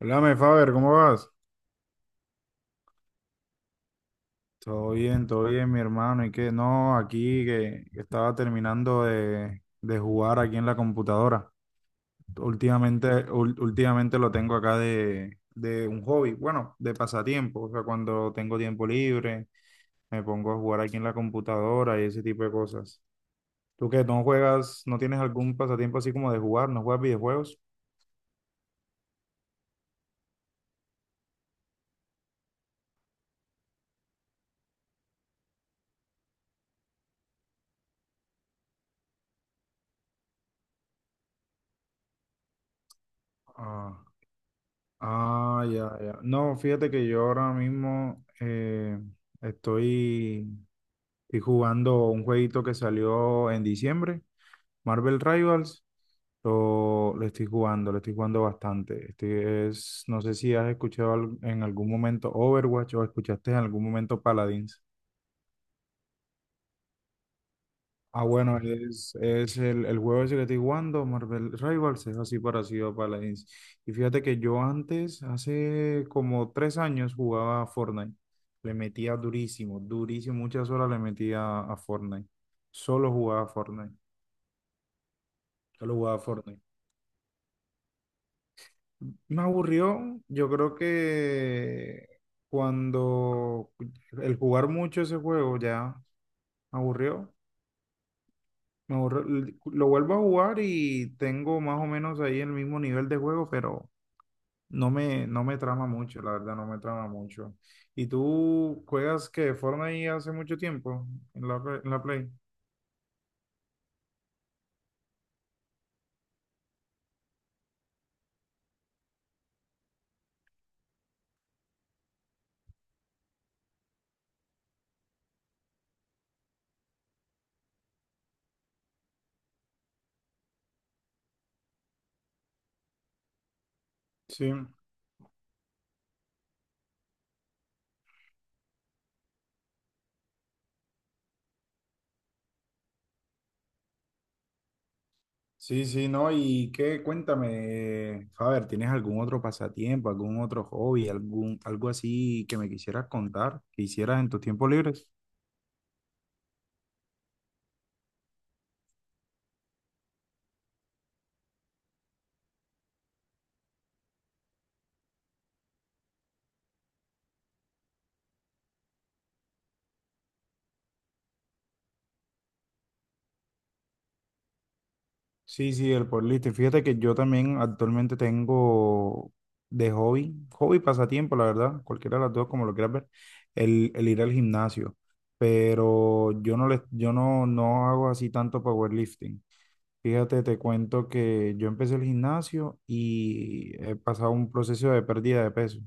Hola, Faber, ¿cómo vas? Todo bien, mi hermano. ¿Y qué? No, aquí que estaba terminando de jugar aquí en la computadora. Últimamente lo tengo acá de un hobby, bueno, de pasatiempo. O sea, cuando tengo tiempo libre, me pongo a jugar aquí en la computadora y ese tipo de cosas. ¿Tú qué? ¿No juegas? ¿No tienes algún pasatiempo así como de jugar? ¿No juegas videojuegos? Ah, ah, ya, ya. No, fíjate que yo ahora mismo estoy. Estoy jugando un jueguito que salió en diciembre, Marvel Rivals. Lo estoy jugando, lo estoy jugando bastante. Este es, no sé si has escuchado en algún momento Overwatch o escuchaste en algún momento Paladins. Ah, bueno, es el juego ese que estoy jugando, Marvel Rivals, es así parecido a Paladins. Y fíjate que yo antes, hace como 3 años, jugaba a Fortnite. Le metía durísimo, durísimo, muchas horas le metía a Fortnite. Solo jugaba a Fortnite. Yo lo jugaba Fortnite. Me aburrió, yo creo que cuando el jugar mucho ese juego ya me aburrió. Me aburrió. Lo vuelvo a jugar y tengo más o menos ahí el mismo nivel de juego, pero no me trama mucho, la verdad, no me trama mucho. ¿Y tú juegas que Fortnite hace mucho tiempo en en la Play? Sí. Sí, sí, no, y qué, cuéntame, Faber, ¿tienes algún otro pasatiempo, algún otro hobby, algún, algo así que me quisieras contar, que hicieras en tus tiempos libres? Sí, sí, el powerlifting. Fíjate que yo también actualmente tengo de hobby y pasatiempo, la verdad, cualquiera de las dos, como lo quieras ver, el ir al gimnasio. Pero yo no hago así tanto powerlifting. Fíjate, te cuento que yo empecé el gimnasio y he pasado un proceso de pérdida de peso.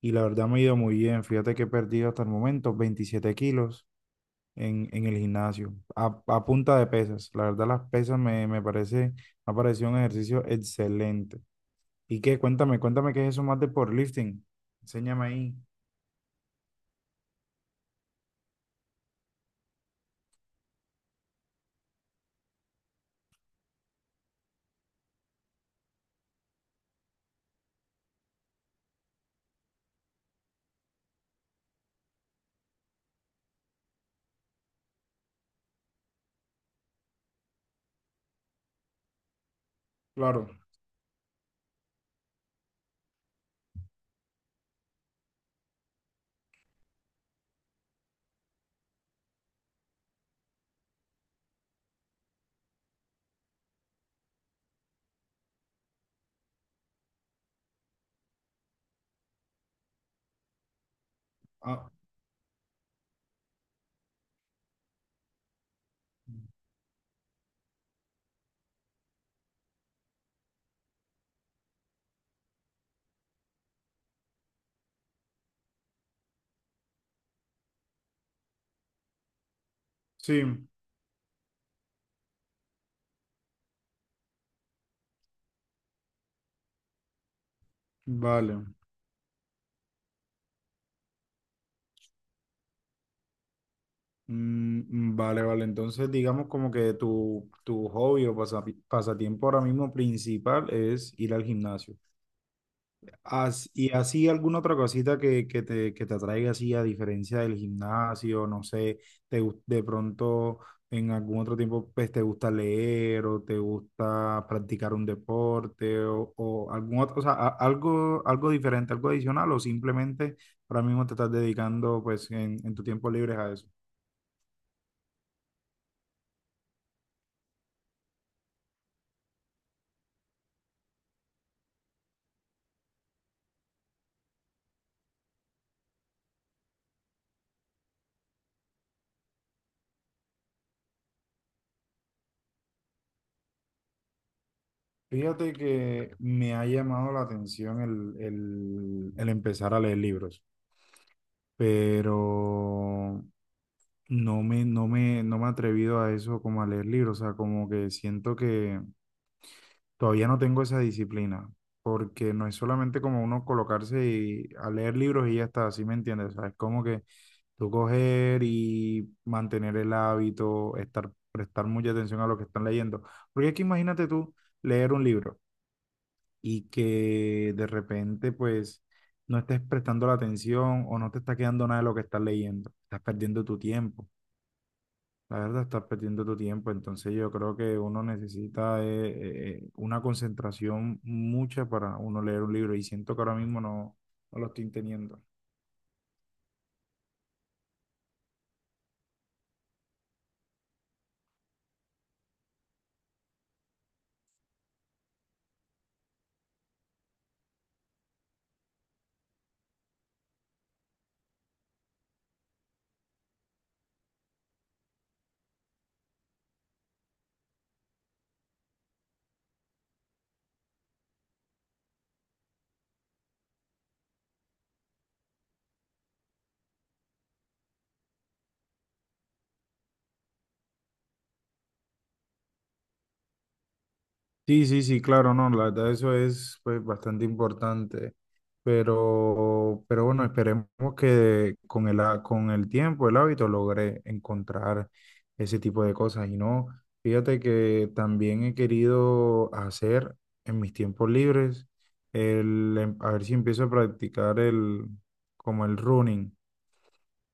Y la verdad me ha ido muy bien. Fíjate que he perdido hasta el momento 27 kilos en el gimnasio, a punta de pesas. La verdad las pesas me, me parece, me ha parecido un ejercicio excelente. ¿Y qué? Cuéntame, cuéntame qué es eso más de powerlifting. Enséñame ahí. Claro. Ah, sí, vale. Mm, vale, vale. Entonces, digamos como que tu hobby o pasatiempo ahora mismo principal es ir al gimnasio. Y así alguna otra cosita que te atraiga así a diferencia del gimnasio, no sé, te, de pronto en algún otro tiempo pues te gusta leer o te gusta practicar un deporte o algún otro, o sea, algo, algo diferente, algo adicional o simplemente ahora mismo te estás dedicando pues en tu tiempo libre a eso. Fíjate que me ha llamado la atención el empezar a leer libros, pero... no me he atrevido a eso como a leer libros, o sea, como que siento que todavía no tengo esa disciplina, porque no es solamente como uno colocarse y a leer libros y ya está, ¿sí me entiendes? O sea, es como que tú coger y mantener el hábito, estar, prestar mucha atención a lo que están leyendo, porque es que imagínate tú leer un libro y que de repente pues no estés prestando la atención o no te está quedando nada de lo que estás leyendo, estás perdiendo tu tiempo. La verdad, estás perdiendo tu tiempo, entonces yo creo que uno necesita una concentración mucha para uno leer un libro y siento que ahora mismo no lo estoy teniendo. Sí, sí, sí, claro, no, la verdad eso es pues bastante importante, pero bueno, esperemos que con con el tiempo, el hábito, logre encontrar ese tipo de cosas. Y no, fíjate que también he querido hacer en mis tiempos libres, a ver si empiezo a practicar como el running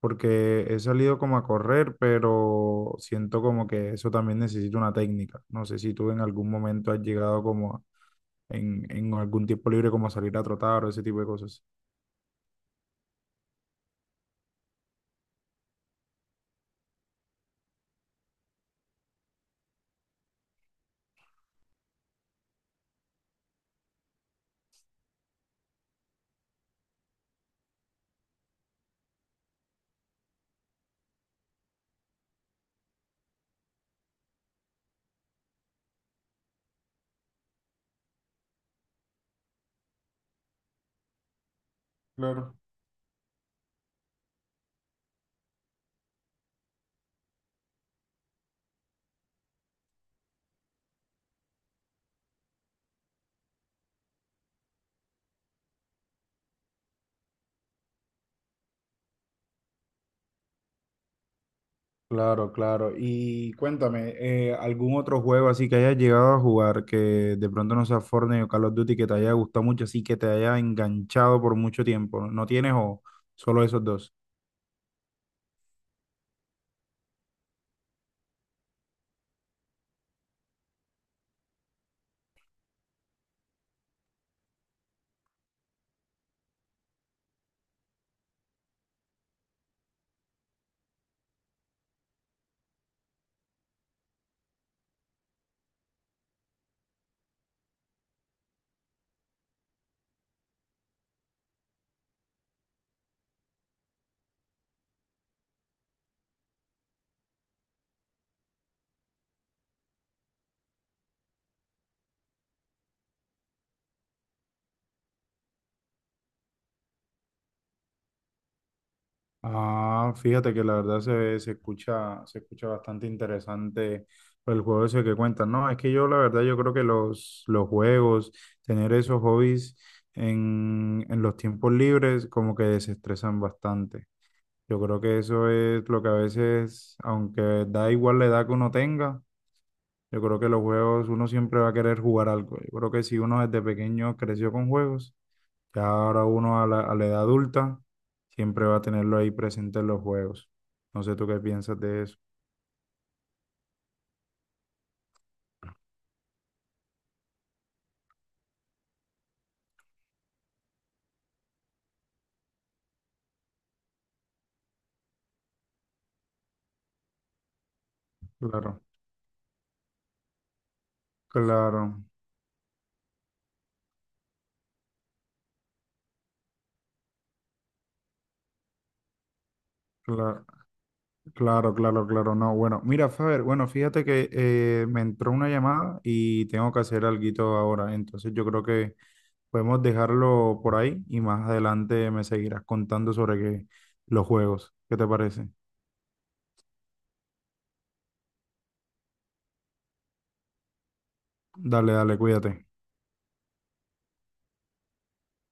porque he salido como a correr, pero siento como que eso también necesita una técnica. No sé si tú en algún momento has llegado en algún tiempo libre como a salir a trotar o ese tipo de cosas. Claro. Claro, claro. Y cuéntame, ¿algún otro juego así que hayas llegado a jugar que de pronto no sea Fortnite o Call of Duty que te haya gustado mucho, así que te haya enganchado por mucho tiempo? ¿No tienes o solo esos dos? Ah, fíjate que la verdad se escucha bastante interesante pues, el juego ese que cuentan. No, es que yo la verdad yo creo que los juegos, tener esos hobbies en los tiempos libres como que desestresan bastante. Yo creo que eso es lo que a veces, aunque da igual la edad que uno tenga, yo creo que los juegos uno siempre va a querer jugar algo. Yo creo que si uno desde pequeño creció con juegos, ya ahora uno a a la edad adulta siempre va a tenerlo ahí presente en los juegos. No sé tú qué piensas de eso. Claro, claro, claro, claro, claro, claro, no. Bueno, mira, Faber, bueno, fíjate que me entró una llamada y tengo que hacer alguito ahora. Entonces yo creo que podemos dejarlo por ahí y más adelante me seguirás contando sobre los juegos. ¿Qué te parece? Dale, dale, cuídate.